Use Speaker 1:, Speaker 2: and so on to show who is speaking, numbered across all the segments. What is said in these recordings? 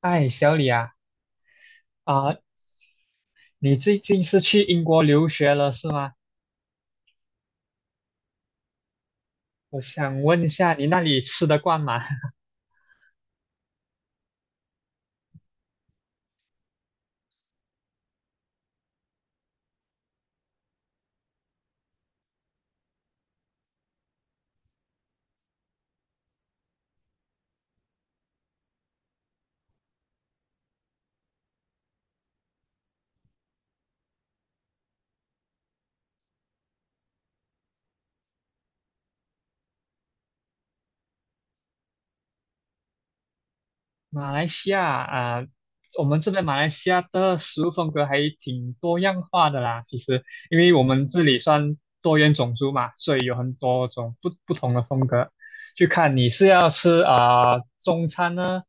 Speaker 1: 哎，小李啊，啊、你最近是去英国留学了是吗？我想问一下，你那里吃得惯吗？马来西亚啊、我们这边马来西亚的食物风格还挺多样化的啦。其实，因为我们这里算多元种族嘛，所以有很多种不同的风格。就看你是要吃中餐呢，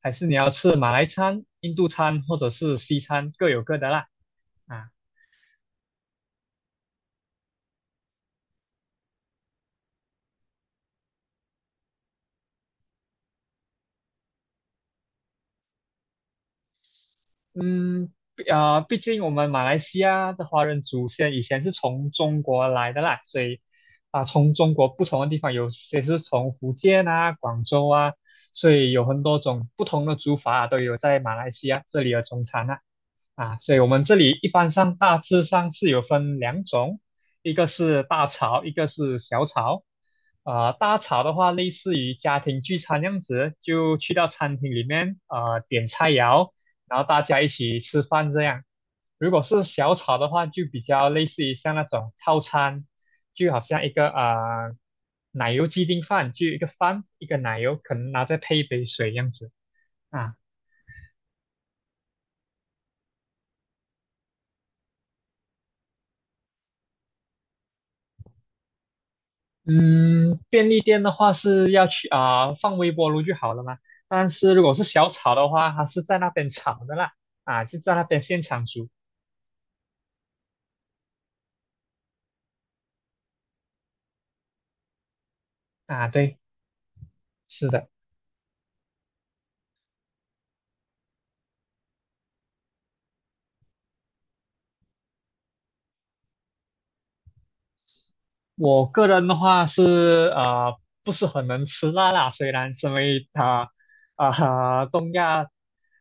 Speaker 1: 还是你要吃马来餐、印度餐或者是西餐，各有各的啦。啊。嗯，毕竟我们马来西亚的华人祖先以前是从中国来的啦，所以从中国不同的地方，有些是从福建啊、广州啊，所以有很多种不同的煮法啊、都有在马来西亚这里的中餐啊。所以我们这里一般上大致上是有分两种，一个是大炒，一个是小炒。大炒的话，类似于家庭聚餐这样子，就去到餐厅里面，点菜肴，然后大家一起吃饭这样。如果是小炒的话，就比较类似于像那种套餐，就好像一个奶油鸡丁饭，就一个饭一个奶油，可能拿再配一杯水这样子啊。嗯，便利店的话是要去放微波炉就好了嘛。但是如果是小炒的话，它是在那边炒的啦，是在那边现场煮啊。对，是的。我个人的话是不是很能吃辣辣，虽然身为啊、东亚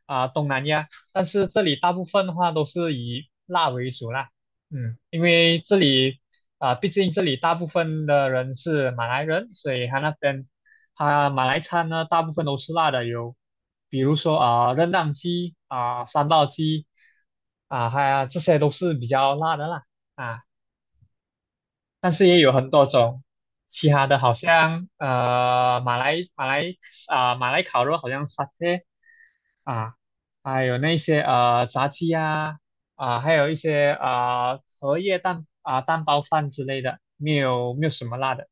Speaker 1: 东南亚，但是这里大部分的话都是以辣为主啦。因为这里毕竟这里大部分的人是马来人，所以他那边他马来餐呢大部分都是辣的，有比如说r e 鸡啊、三道鸡啊，还有这些都是比较辣的啦。啊。但是也有很多种，其他的好像马来烤肉好像 satay 啊，还有那些炸鸡呀啊、还有一些啊、荷叶蛋啊、蛋包饭之类的，没有什么辣的，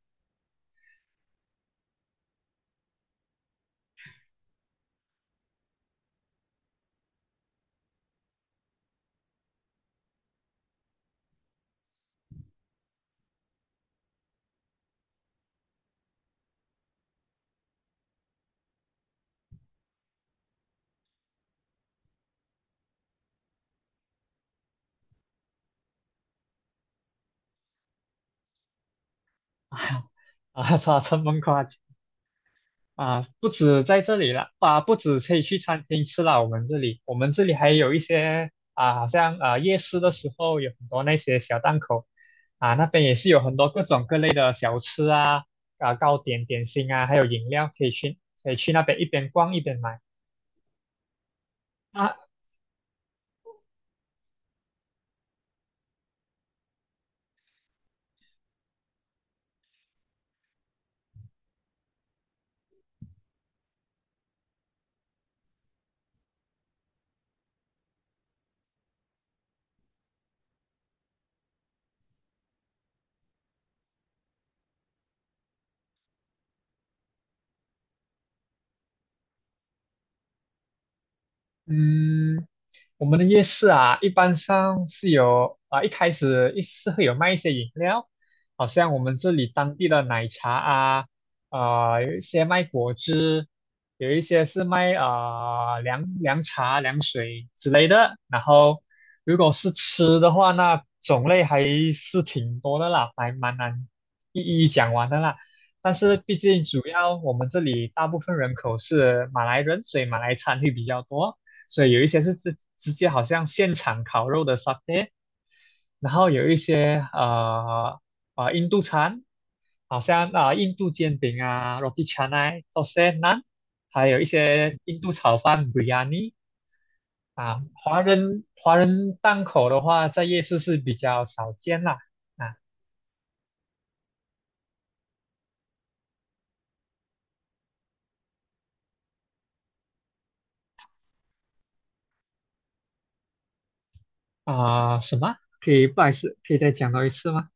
Speaker 1: 啊，这么夸张啊，不止在这里了，不止可以去餐厅吃了，我们这里还有一些啊，好像夜市的时候有很多那些小档口，那边也是有很多各种各类的小吃啊，糕点、点心啊，还有饮料可以去，可以去那边一边逛一边买啊。嗯。我们的夜市啊，一般上是有一开始是会有卖一些饮料，好像我们这里当地的奶茶啊，有一些卖果汁，有一些是卖凉茶、凉水之类的。然后如果是吃的话，那种类还是挺多的啦，还蛮难一一讲完的啦。但是毕竟主要我们这里大部分人口是马来人，所以马来餐会比较多。所以有一些是直接好像现场烤肉的 satay，然后有一些印度餐，好像印度煎饼啊，roti c a n a d o s a n a 还有一些印度炒饭 biryani 啊，华人档口的话，在夜市是比较少见啦啊。什么？不好意思，可以再讲到一次吗？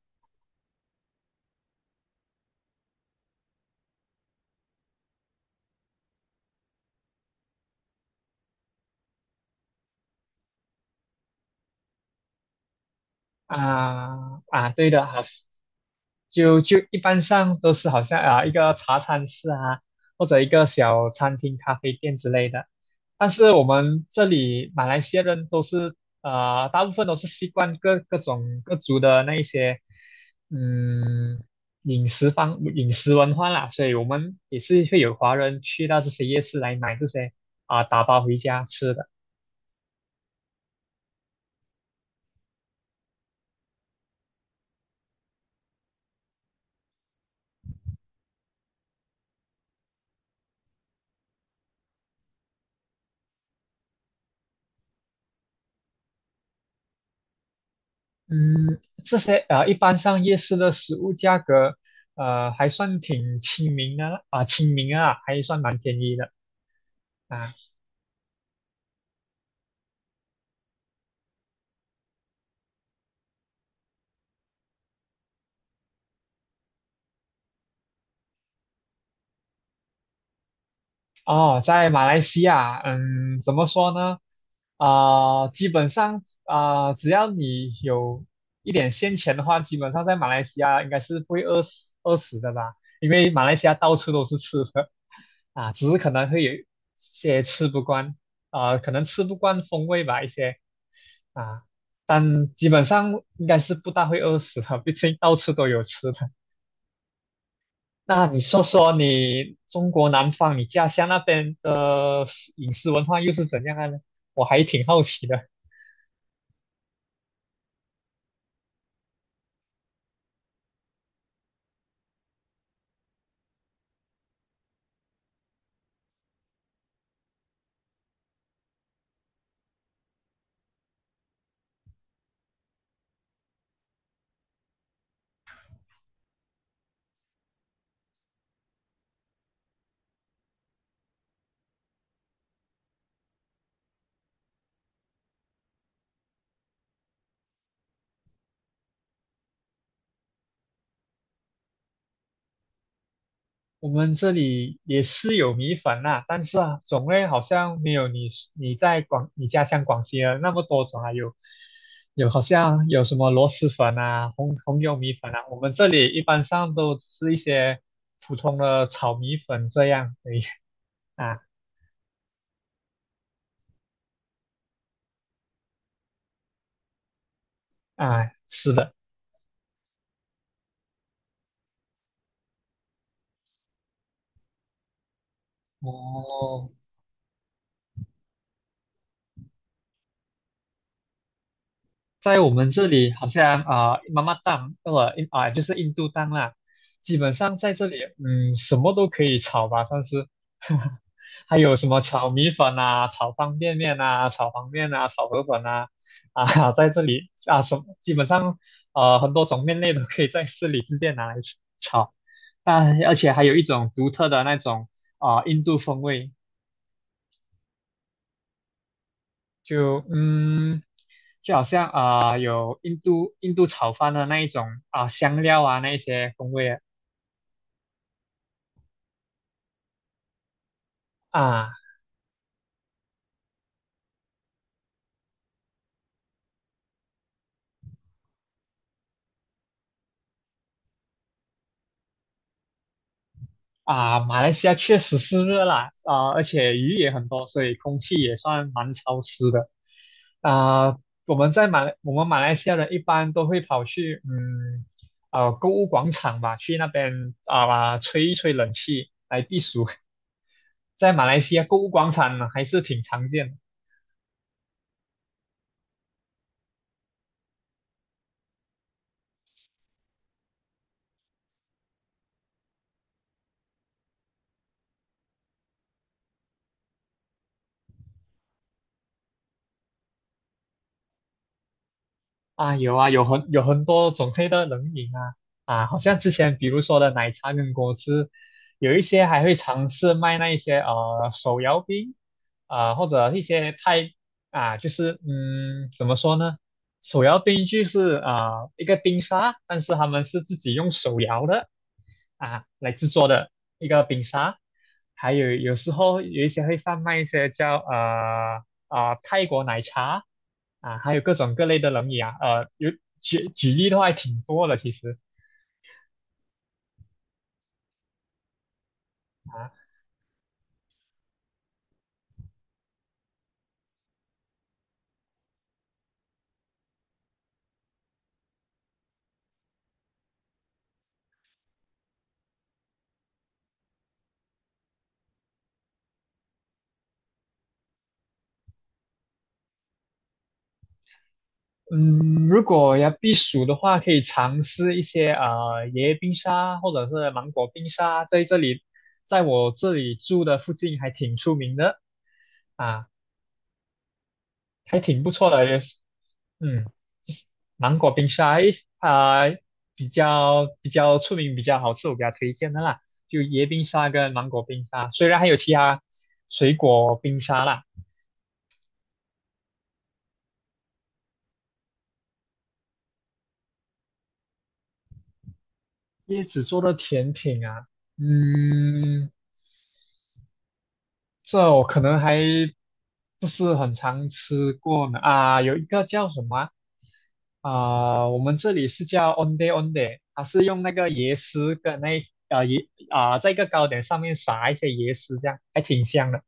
Speaker 1: 对的，好。就一般上都是好像一个茶餐室啊，或者一个小餐厅、咖啡店之类的。但是我们这里马来西亚人都是大部分都是习惯各种各族的那一些嗯饮食文化啦，所以我们也是会有华人去到这些夜市来买这些打包回家吃的。嗯，这些一般上夜市的食物价格，还算挺亲民的啦啊，亲民啊，还算蛮便宜的啊。哦，在马来西亚，怎么说呢？基本上只要你有一点现钱的话，基本上在马来西亚应该是不会饿死的吧？因为马来西亚到处都是吃的啊，只是可能会有一些吃不惯可能吃不惯风味吧，一些啊，但基本上应该是不大会饿死的，毕竟到处都有吃的。那你说说你中国南方，你家乡那边的饮食文化又是怎样的呢？我还挺好奇的。我们这里也是有米粉呐、但是啊，种类好像没有你家乡广西啊那么多种啊，有好像有什么螺蛳粉啊、红油米粉啊，我们这里一般上都吃一些普通的炒米粉这样而已啊是的。哦。在我们这里好像妈妈档呃印啊、就是印度档啦，基本上在这里什么都可以炒吧，算是，还有什么炒米粉呐，炒方便面呐，炒黄面呐，炒河粉啊。在这里什么基本上很多种面类都可以在市里直接拿来炒，但而且还有一种独特的那种印度风味，就就好像有印度炒饭的那一种啊、香料啊那一些风味啊啊。马来西亚确实是热啦啊、而且鱼也很多，所以空气也算蛮潮湿的啊、我们马来西亚人一般都会跑去购物广场吧，去那边吹一吹冷气来避暑，在马来西亚购物广场呢还是挺常见的。啊，有啊，有很多种类的冷饮啊。好像之前比如说的奶茶跟果汁，有一些还会尝试卖那一些手摇冰啊、或者一些太啊，就是怎么说呢，手摇冰就是一个冰沙，但是他们是自己用手摇的啊来制作的一个冰沙，还有时候有一些会贩卖一些叫泰国奶茶啊，还有各种各类的冷饮啊，呃有举举例的话还挺多的其实啊。嗯，如果要避暑的话，可以尝试一些椰冰沙或者是芒果冰沙，在这里，在我这里住的附近还挺出名的啊，还挺不错的，也是嗯。芒果冰沙，诶，啊、呃比较出名、比较好吃，我给他推荐的啦，就椰冰沙跟芒果冰沙。虽然还有其他水果冰沙啦，椰子做的甜品啊，嗯，这我可能还不是很常吃过呢。啊，有一个叫什么啊、我们这里是叫 onde onde，它是用那个椰丝跟那一呃椰啊、在一个糕点上面撒一些椰丝，这样还挺香的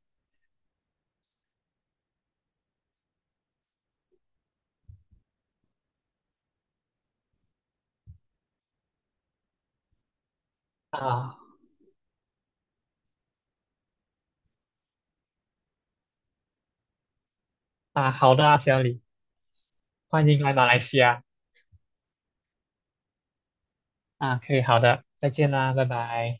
Speaker 1: 啊。啊，好的啊，小李，欢迎来马来西亚啊。可以，好的，再见啦，拜拜。